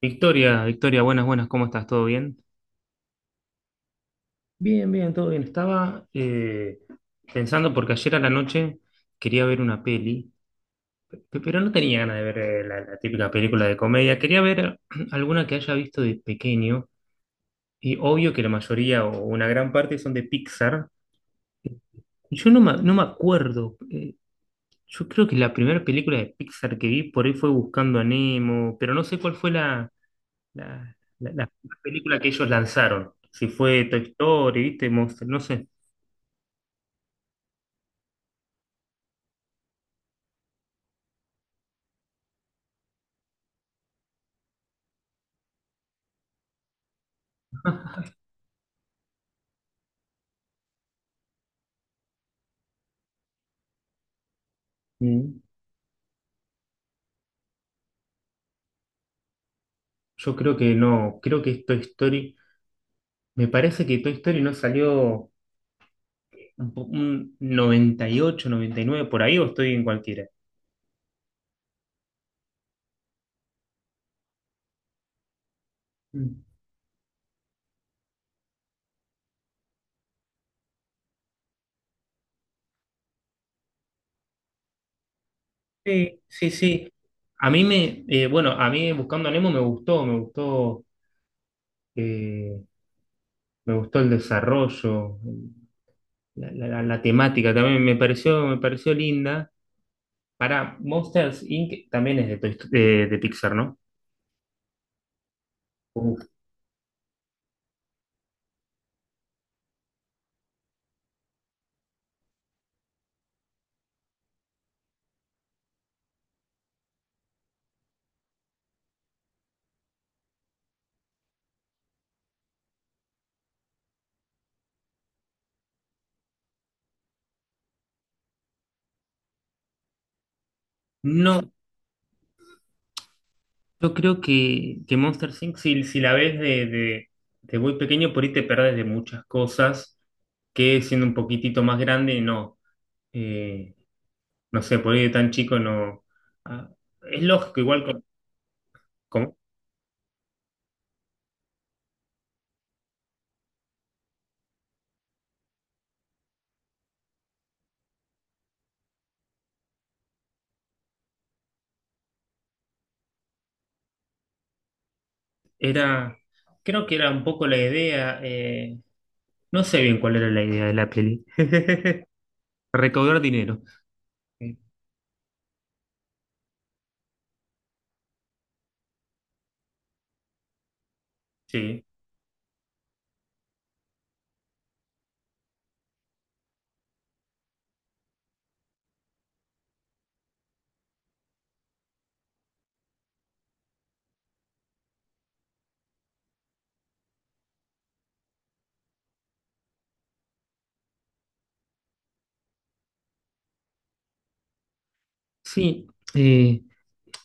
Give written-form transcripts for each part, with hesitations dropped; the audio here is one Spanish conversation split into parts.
Victoria, Victoria, buenas, buenas, ¿cómo estás? ¿Todo bien? Bien, bien, todo bien. Estaba pensando porque ayer a la noche quería ver una peli, pero no tenía ganas de ver la típica película de comedia. Quería ver alguna que haya visto de pequeño, y obvio que la mayoría o una gran parte son de Pixar. Y yo no me, no me acuerdo. Yo creo que la primera película de Pixar que vi por ahí fue Buscando a Nemo, pero no sé cuál fue la película que ellos lanzaron, si fue Toy Story, ¿viste? Monster, no sé. Mm. Yo creo que no, creo que es Toy Story. Me parece que Toy Story no salió un 98, 99 por ahí, o estoy en cualquiera. Mm. Sí, sí, sí. A mí me, bueno, a mí Buscando a Nemo me gustó, me gustó, eh, me gustó el desarrollo, la temática también me pareció linda. Para Monsters Inc. también es de, de Pixar, ¿no? Uf. No, yo creo que Monsters Inc., si la ves de muy pequeño, por ahí te perdés de muchas cosas que siendo un poquitito más grande, no. Eh, no sé, por ahí de tan chico no. Ah, es lógico, igual con- era. Creo que era un poco la idea. No sé bien cuál era la idea de la peli. Recaudar dinero. Sí. Sí. eh,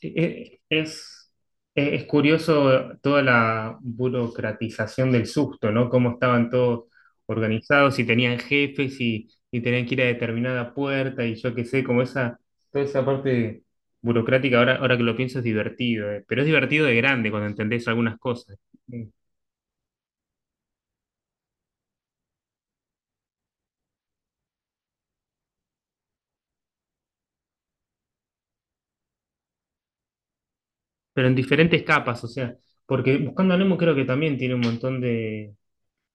Eh, Es, es curioso toda la burocratización del susto, ¿no? Cómo estaban todos organizados y tenían jefes, y tenían que ir a determinada puerta y yo qué sé, como esa, toda esa parte burocrática. Ahora, ahora que lo pienso es divertido. Pero es divertido de grande cuando entendés algunas cosas, eh, pero en diferentes capas. O sea, porque Buscando a Nemo creo que también tiene un montón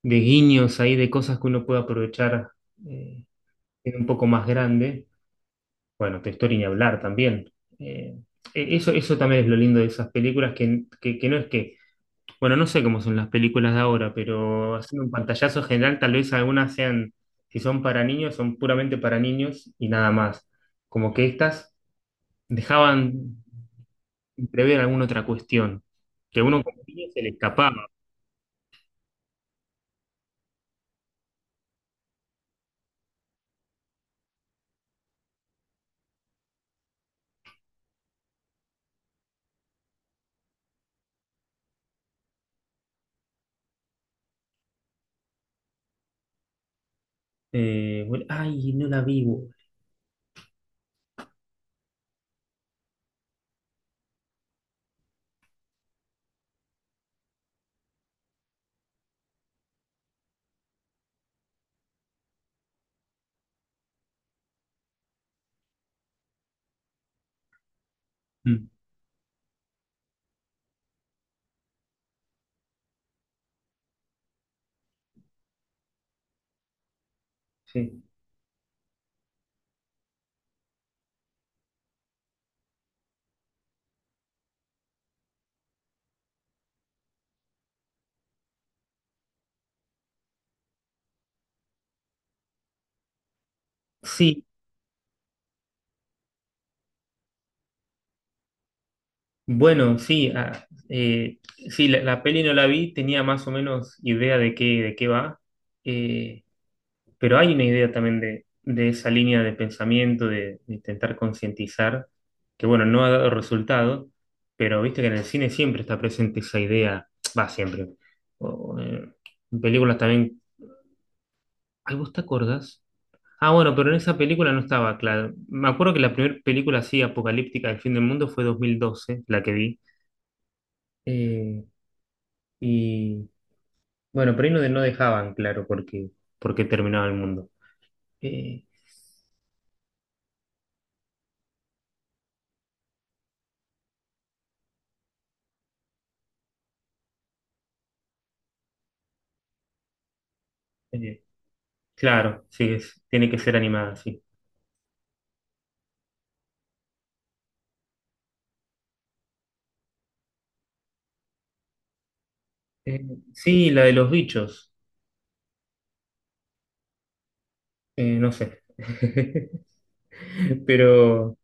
de guiños ahí, de cosas que uno puede aprovechar eh, en un poco más grande. Bueno, textura y ni hablar también. Eh, Eso, eso también es lo lindo de esas películas, que no es que, bueno, no sé cómo son las películas de ahora, pero haciendo un pantallazo general, tal vez algunas sean, si son para niños, son puramente para niños y nada más. Como que estas dejaban prever alguna otra cuestión, que a uno como niño se le escapaba. Bueno, ay, no la vivo. Sí. Sí. Bueno, sí, sí, la peli no la vi, tenía más o menos idea de qué va, eh, pero hay una idea también de esa línea de pensamiento, de intentar concientizar, que bueno, no ha dado resultado, pero viste que en el cine siempre está presente esa idea, va siempre. O, en películas también, ay, ¿vos te acordás? Ah, bueno, pero en esa película no estaba claro. Me acuerdo que la primera película así apocalíptica del fin del mundo fue 2012, la que vi. Eh, Y bueno, pero ahí no, no dejaban claro por qué terminaba el mundo. Eh, eh, claro, sí, tiene que ser animada, sí. Eh, sí, la de los bichos, no sé. Pero,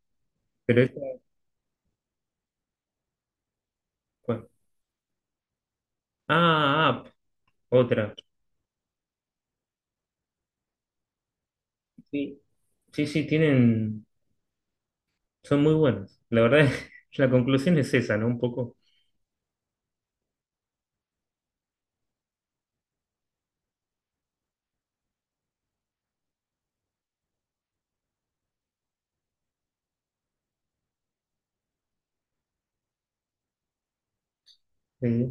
pero esa, bueno. Ah, Up, otra. Sí, sí, sí, tienen, son muy buenas. La verdad, la conclusión es esa, ¿no? Un poco. eh,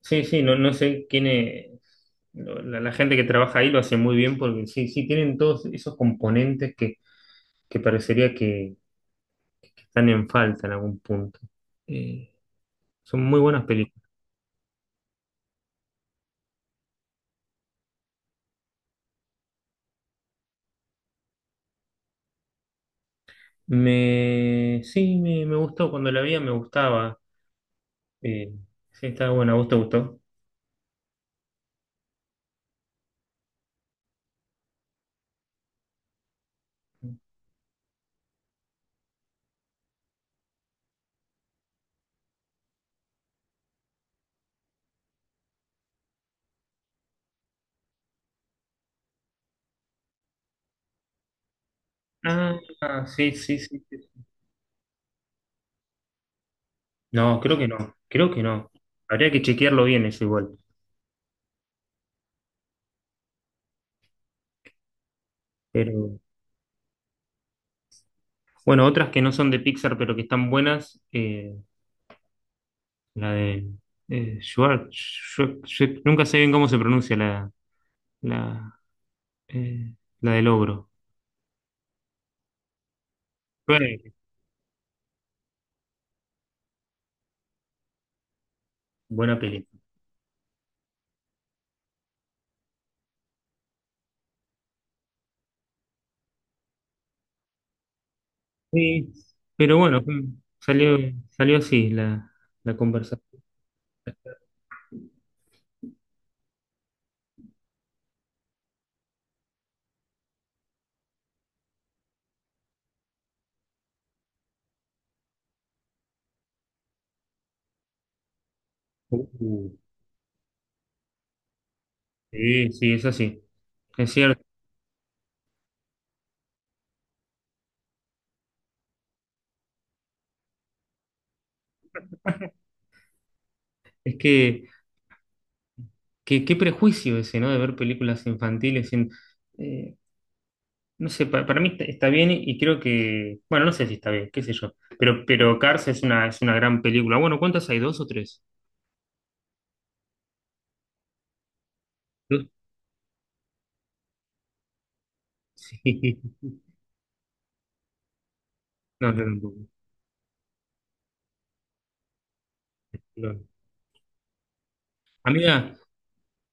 sí, sí, no, no sé quién es. La gente que trabaja ahí lo hace muy bien porque sí, sí, tienen todos esos componentes que parecería que están en falta en algún punto. Eh, Son muy buenas películas. Sí, me gustó, cuando la vi me gustaba. Eh, sí, estaba buena, ¿a vos te gustó? Ah, sí, sí, sí, sí. No, creo que no, creo que no. Habría que chequearlo bien eso igual. Pero bueno, otras que no son de Pixar, pero que están buenas, la de nunca sé bien cómo se pronuncia la, eh, la del ogro. Shrek, buena película. Sí, pero bueno, salió, salió así la conversación. Uh, sí, sí, es así, es cierto. Es qué prejuicio ese, ¿no? De ver películas infantiles. Eh, no sé, para mí está, está bien y creo que, bueno, no sé si está bien, qué sé yo. Pero Cars es una gran película. Bueno, ¿cuántas hay? ¿Dos o tres? Dos. Sí. No, no, no, no. Amiga,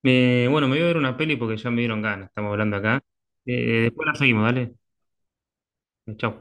bueno, me voy a ver una peli porque ya me dieron ganas, estamos hablando acá. Después la seguimos, ¿vale? Chao.